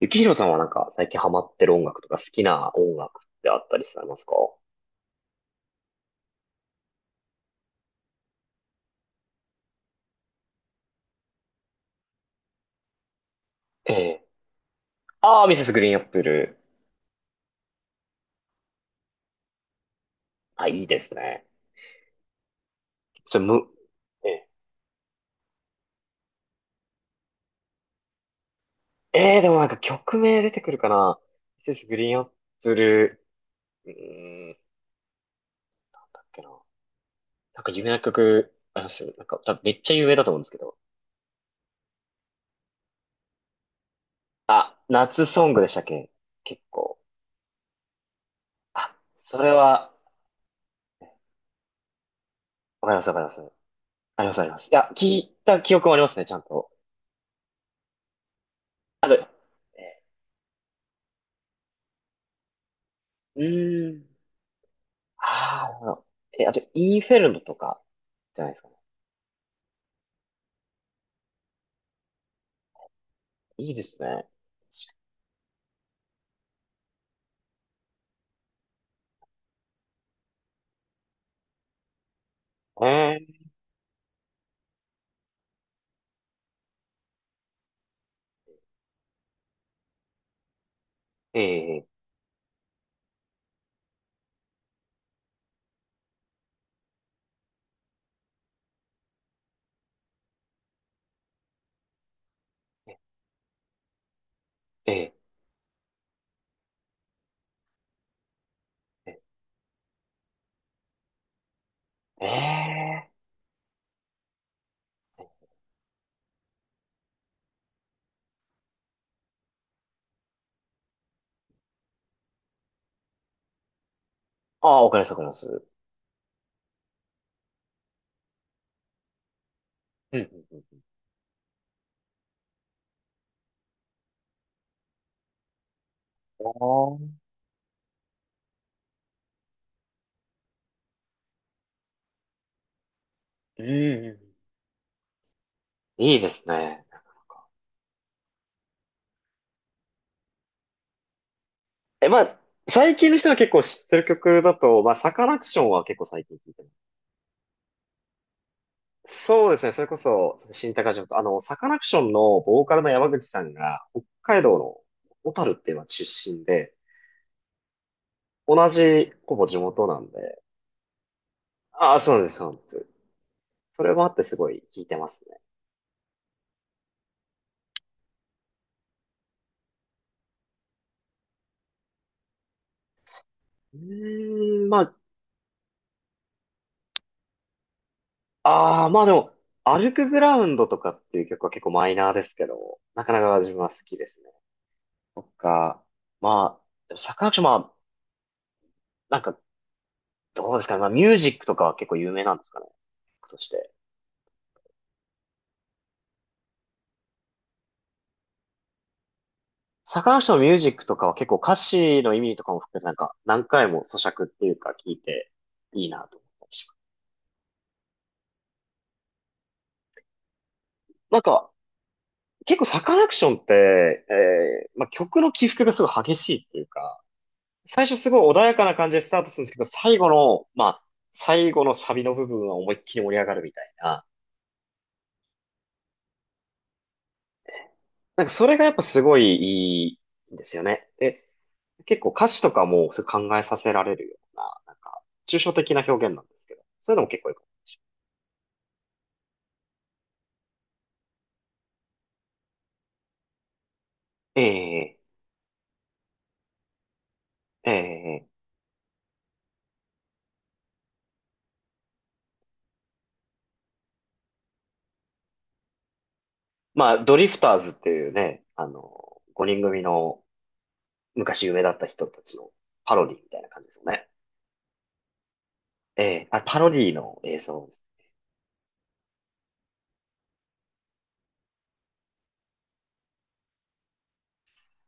ゆきひろさんは最近ハマってる音楽とか好きな音楽ってあったりされますか？ええ。ああ、ミセスグリーンアップル。あ、いいですね。ちょ、む、ええ、ええ、でも曲名出てくるかな。ミセスグリーンアップル。なんだっけな。なんか有名な曲、あります？なんか多分めっちゃ有名だと思うんですけど。夏ソングでしたっけ？結構。あ、それは、わかります、わかります。あります、あります。いや、聞いた記憶もありますね、ちゃんと。あと、ええ、うーん。ああ、なるほど。え、あと、イーフェルムとか、じゃないですかね。いいですね。ええ、ええ、ええ、えー、えー。ああ、わかります、わかります。うん、うん、うん。あー。うん、うん。いいですね。なかなか。え、まあ、最近の人が結構知ってる曲だと、まあ、サカナクションは結構最近聞いてます。そうですね、それこそ、新高島と、あの、サカナクションのボーカルの山口さんが、北海道の小樽っていう町出身で、同じ、ほぼ地元なんで、ああ、そうです、そうです。それもあってすごい効いてますね。うーん、まああ、まあでも、歩くグラウンドとかっていう曲は結構マイナーですけど、なかなか自分は好きですね。とか、まあ、でもサカナクション、まあ、なんか、どうですかね。まあ、ミュージックとかは結構有名なんですかね。曲として。サカナクションのミュージックとかは結構歌詞の意味とかも含めてなんか、何回も咀嚼っていうか聞いていいなと思ったりします。なんか、結構サカナクションって、曲の起伏がすごい激しいっていうか、最初すごい穏やかな感じでスタートするんですけど、最後の、まあ、最後のサビの部分は思いっきり盛り上がるみたいな。なんかそれがやっぱすごいいいんですよね。で、結構歌詞とかもそう考えさせられるような、なんか、抽象的な表現なんですけど、そういうのも結構いいかも。ええ、ええ、まあ、ドリフターズっていうね、あの、5人組の昔夢だった人たちのパロディみたいな感じですよね。ええ、あれパロディの映像です。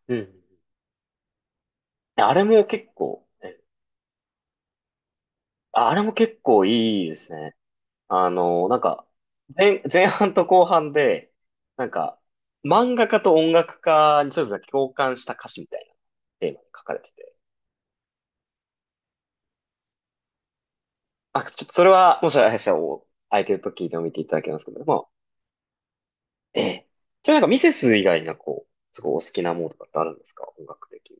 うん。あれも結構、あ、あれも結構いいですね。あの、なんか、前半と後半で、なんか、漫画家と音楽家にそれぞれ共感した歌詞みたいなテーマに書かれてて。あ、ちょっとそれは、もしあれしたら、お空いてる時でも見ていただけますけども、ええ。じゃあなんかミセス以外になんかこう、すごいお好きなものとかってあるんですか、音楽的に。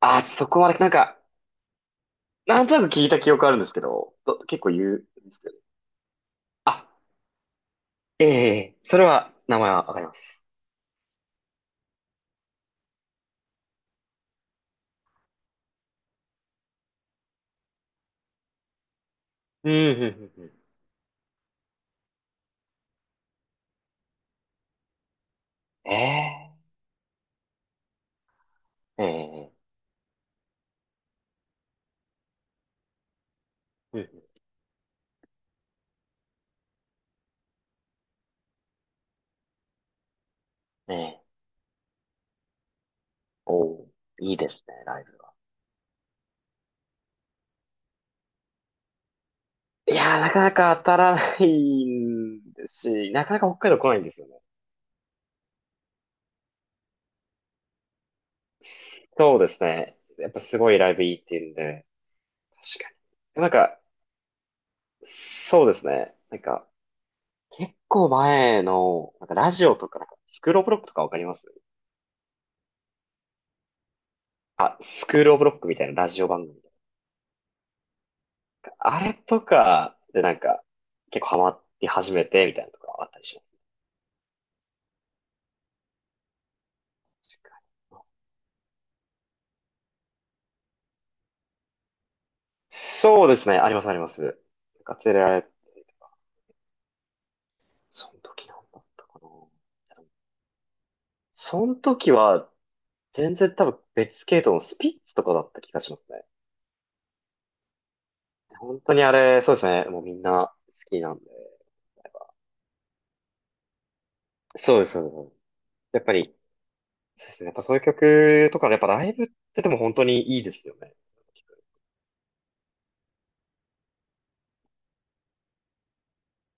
あ、そこはなんか、なんとなく聞いた記憶あるんですけど、ど結構言うんですけど。あ、ええ、それは、名前はわかります。うん、うん、うん、うん。ええ、ええ、うん。ええ、おー、いいですね、ライブは。いやー、なかなか当たらないんですし、なかなか北海道来ないんですよね。そうですね。やっぱすごいライブいいって言うんで、確かに。そうですね。なんか、結構前の、なんかラジオとか、なんか、スクールオブロックとかわかります？あ、スクールオブロックみたいなラジオ番組とか。あれとかでなんか、結構ハマり始めてみたいなとかあったりします。そうですね。あります、あります。なんか連れられてとか、その時なんだったかな。その時は、全然多分別系統のスピッツとかだった気がしますね。本当にあれ、そうですね。もうみんな好きなんで。そうです、そうです。そうです、やっぱり、そうですね。やっぱそういう曲とか、やっぱライブってでも本当にいいですよね。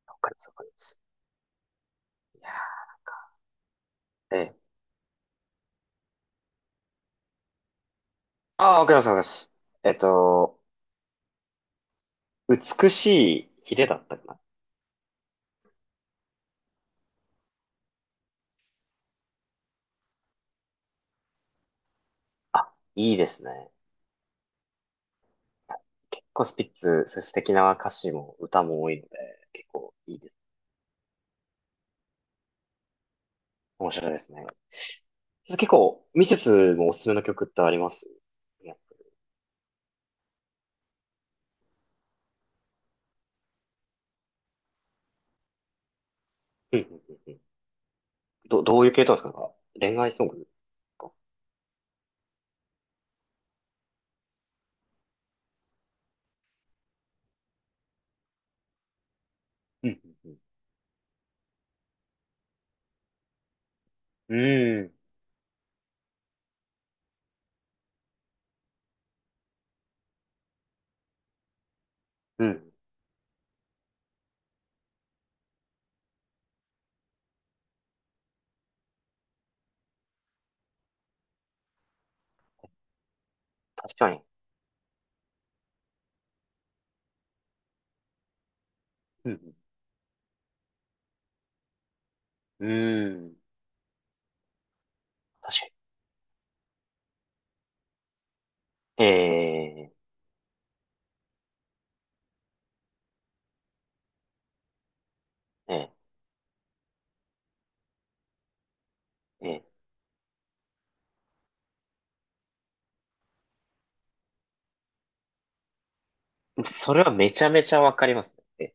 わかります、わかります。いやー、なんか、ええ。ああ、わかります、わかります。えっと、美しいヒレだったかな。あ、いいですね。結構スピッツ、そういう素敵な歌詞も歌も多いので、結構いいです。面白いですね。結構、ミセスもおすすめの曲ってあります？いや、うん、うん、うん、うん。ど、どういう系統ですか？なんか恋愛ソングか。うん、うん、うん。うん。うん。確かに。うん、うん。うん。確かに。えー、えー、えー。それはめちゃめちゃわかりますね。え、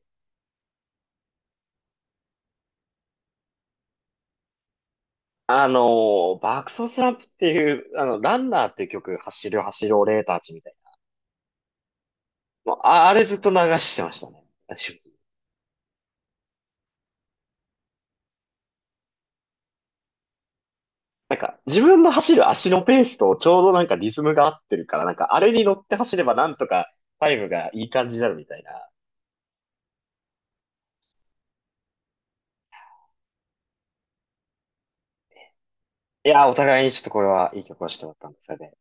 あの爆走スランプっていう、あの、ランナーっていう曲、走る走るオレーターチみたいな。もう、あ、あれずっと流してましたね。私もなんか、自分の走る足のペースとちょうどなんかリズムが合ってるから、なんか、あれに乗って走ればなんとかタイムがいい感じになるみたいな。いやー、お互いにちょっとこれはいい曲をしてもらったんで、それで。